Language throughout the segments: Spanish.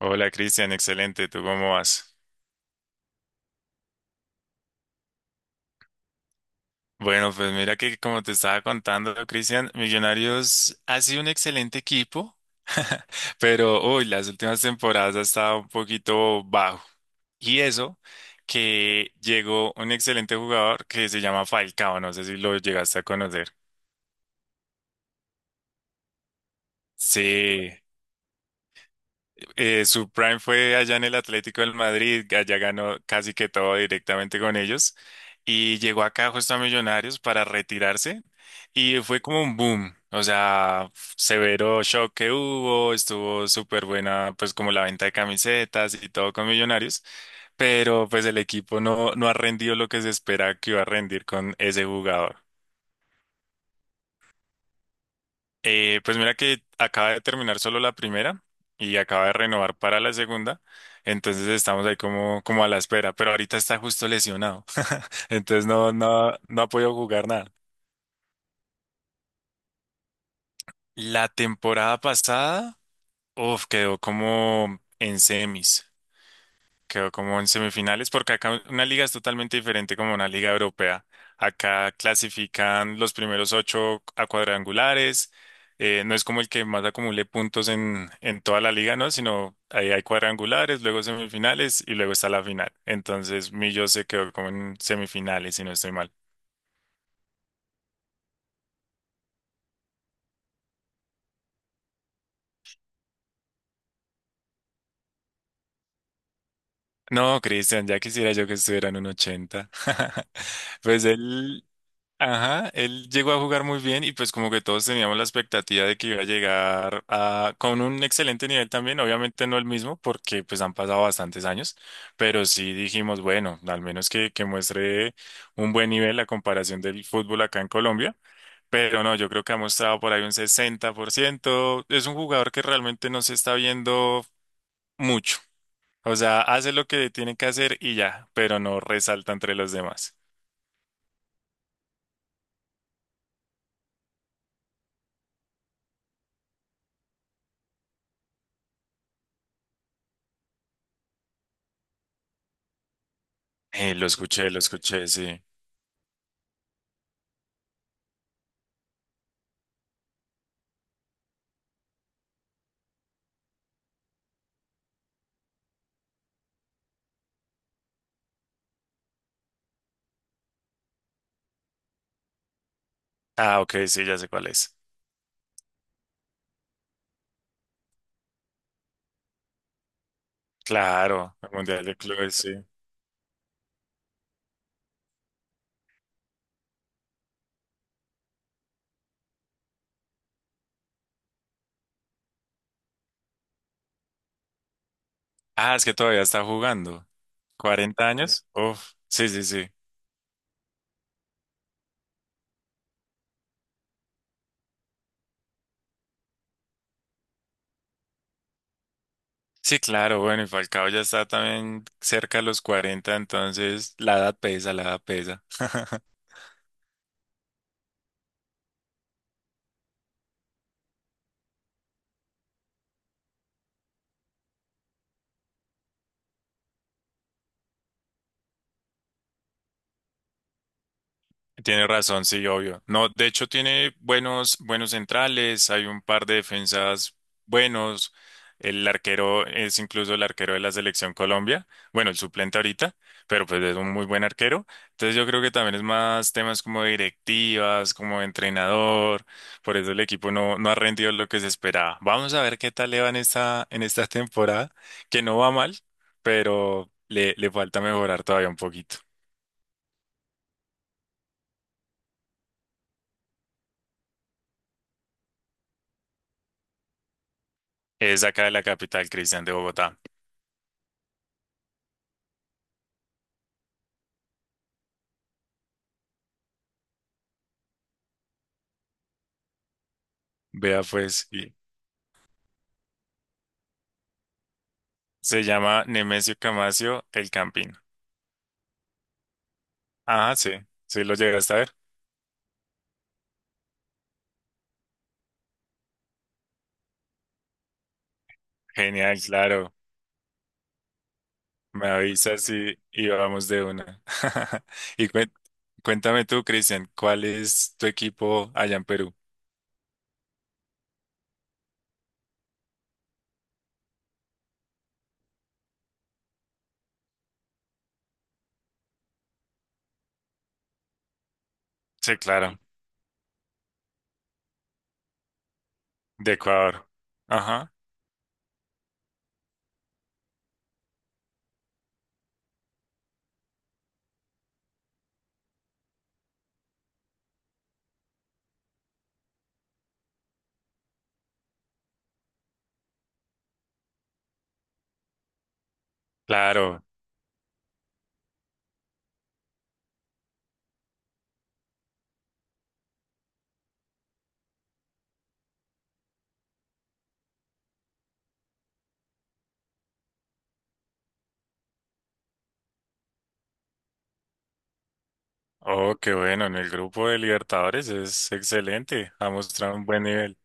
Hola Cristian, excelente, ¿tú cómo vas? Bueno, pues mira que como te estaba contando, Cristian, Millonarios ha sido un excelente equipo, pero uy, las últimas temporadas ha estado un poquito bajo. Y eso que llegó un excelente jugador que se llama Falcao, no sé si lo llegaste a conocer. Sí, su prime fue allá en el Atlético del Madrid, allá ganó casi que todo directamente con ellos y llegó acá justo a Millonarios para retirarse y fue como un boom, o sea, severo shock que hubo, estuvo súper buena pues como la venta de camisetas y todo con Millonarios, pero pues el equipo no, no ha rendido lo que se espera que iba a rendir con ese jugador. Pues mira que acaba de terminar solo la primera y acaba de renovar para la segunda, entonces estamos ahí como, a la espera, pero ahorita está justo lesionado, entonces no, no, no ha podido jugar nada. La temporada pasada, uf, quedó como en semis. Quedó como en semifinales, porque acá una liga es totalmente diferente como una liga europea. Acá clasifican los primeros ocho a cuadrangulares. No es como el que más acumule puntos en toda la liga, ¿no? Sino ahí hay cuadrangulares, luego semifinales y luego está la final. Entonces, Millo se quedó como en semifinales, si no estoy mal. No, Cristian, ya quisiera yo que estuviera en un 80. Pues él. Ajá, él llegó a jugar muy bien y pues como que todos teníamos la expectativa de que iba a llegar a, con un excelente nivel también, obviamente no el mismo porque pues han pasado bastantes años, pero sí dijimos, bueno, al menos que muestre un buen nivel la comparación del fútbol acá en Colombia, pero no, yo creo que ha mostrado por ahí un 60%, es un jugador que realmente no se está viendo mucho, o sea, hace lo que tiene que hacer y ya, pero no resalta entre los demás. Lo escuché, sí. Ah, ok, sí, ya sé cuál es. Claro, el Mundial de Clubes, sí. Ah, es que todavía está jugando. ¿40 años? Uf, sí, sí, sí. Sí, claro, bueno, y Falcao ya está también cerca de los 40, entonces la edad pesa, la edad pesa. Tiene razón, sí, obvio. No, de hecho tiene buenos, buenos centrales, hay un par de defensas buenos. El arquero es incluso el arquero de la selección Colombia, bueno, el suplente ahorita, pero pues es un muy buen arquero. Entonces yo creo que también es más temas como directivas, como entrenador, por eso el equipo no, no ha rendido lo que se esperaba. Vamos a ver qué tal le va en esta temporada, que no va mal, pero le falta mejorar todavía un poquito. Es acá de la capital, Cristian, de Bogotá. Vea pues, y se llama Nemesio Camacio El Campín. Ah, sí, sí lo llegaste a ver. Genial, claro. Me avisas y vamos de una. Y cuéntame tú, Cristian, ¿cuál es tu equipo allá en Perú? Sí, claro, de Ecuador. Ajá, claro. Oh, qué bueno, en el grupo de Libertadores es excelente, ha mostrado un buen nivel.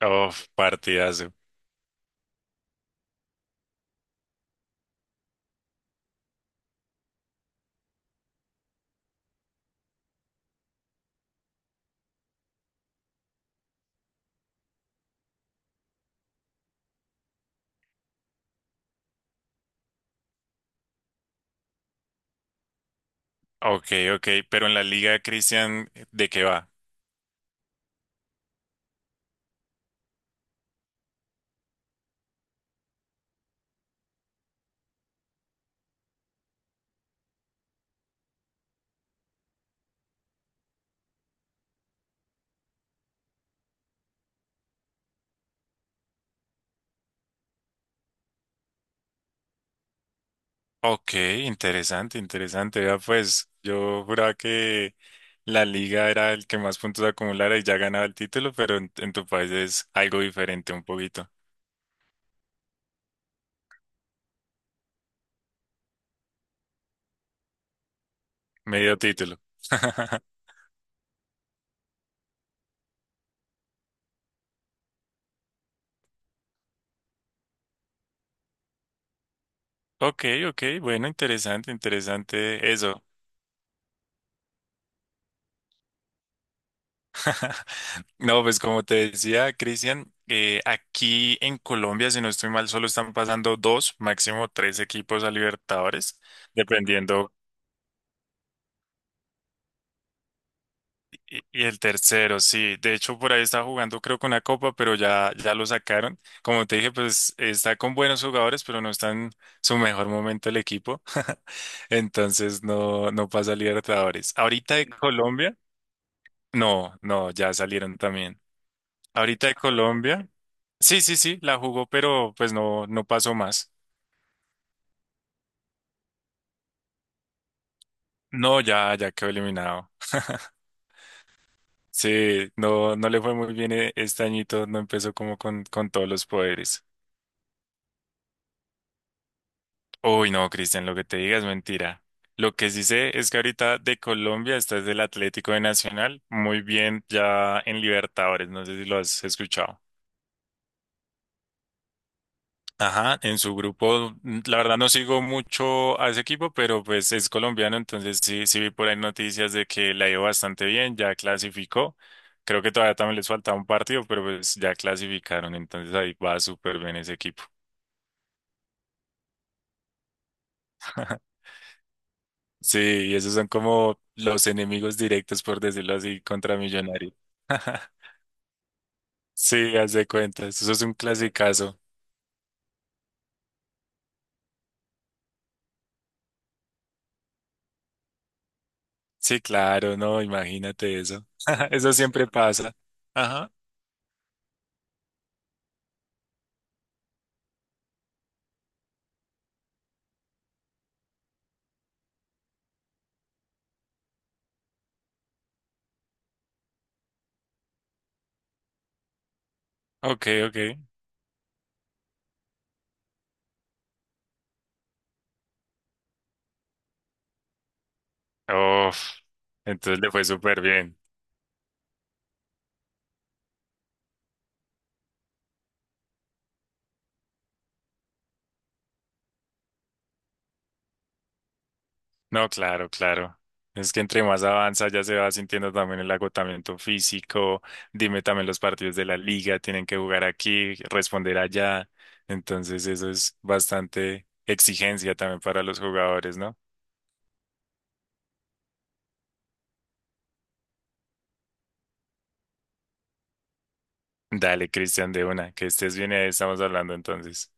Oh, partidazo. Ok, ok, pero en la liga, Cristian, ¿de qué va? Ok, interesante, interesante. Vea, pues yo juraba que la liga era el que más puntos acumulara y ya ganaba el título, pero en tu país es algo diferente un poquito. Medio título. Ok, ok, bueno, interesante, interesante eso. No, pues como te decía, Cristian, aquí en Colombia, si no estoy mal, solo están pasando dos, máximo tres equipos a Libertadores, dependiendo. Y el tercero, sí. De hecho, por ahí está jugando, creo que una copa, pero ya, ya lo sacaron. Como te dije, pues está con buenos jugadores, pero no está en su mejor momento el equipo. Entonces no, no pasa a Libertadores. Ahorita de Colombia, no, no, ya salieron también. Ahorita de Colombia, sí, sí, sí, la jugó, pero pues no, no pasó más. No, ya, ya quedó eliminado. Sí, no, no le fue muy bien este añito, no empezó como con, todos los poderes. Uy, no, Cristian, lo que te diga es mentira. Lo que sí sé es que ahorita de Colombia está es del Atlético de Nacional, muy bien ya en Libertadores, no sé si lo has escuchado. Ajá, en su grupo, la verdad no sigo mucho a ese equipo, pero pues es colombiano, entonces sí, sí vi por ahí noticias de que la ha ido bastante bien, ya clasificó. Creo que todavía también les faltaba un partido, pero pues ya clasificaron, entonces ahí va súper bien ese equipo. Sí, y esos son como los enemigos directos, por decirlo así, contra Millonario. Sí, haz de cuenta, eso es un clasicazo. Sí, claro, no, imagínate eso. Eso siempre pasa. Ajá. Ok, ok. Uf, entonces le fue súper bien. No, claro, claro. Es que entre más avanza ya se va sintiendo también el agotamiento físico. Dime también los partidos de la liga, tienen que jugar aquí, responder allá. Entonces eso es bastante exigencia también para los jugadores, ¿no? Dale, Cristian, de una, que estés bien y ahí estamos hablando entonces.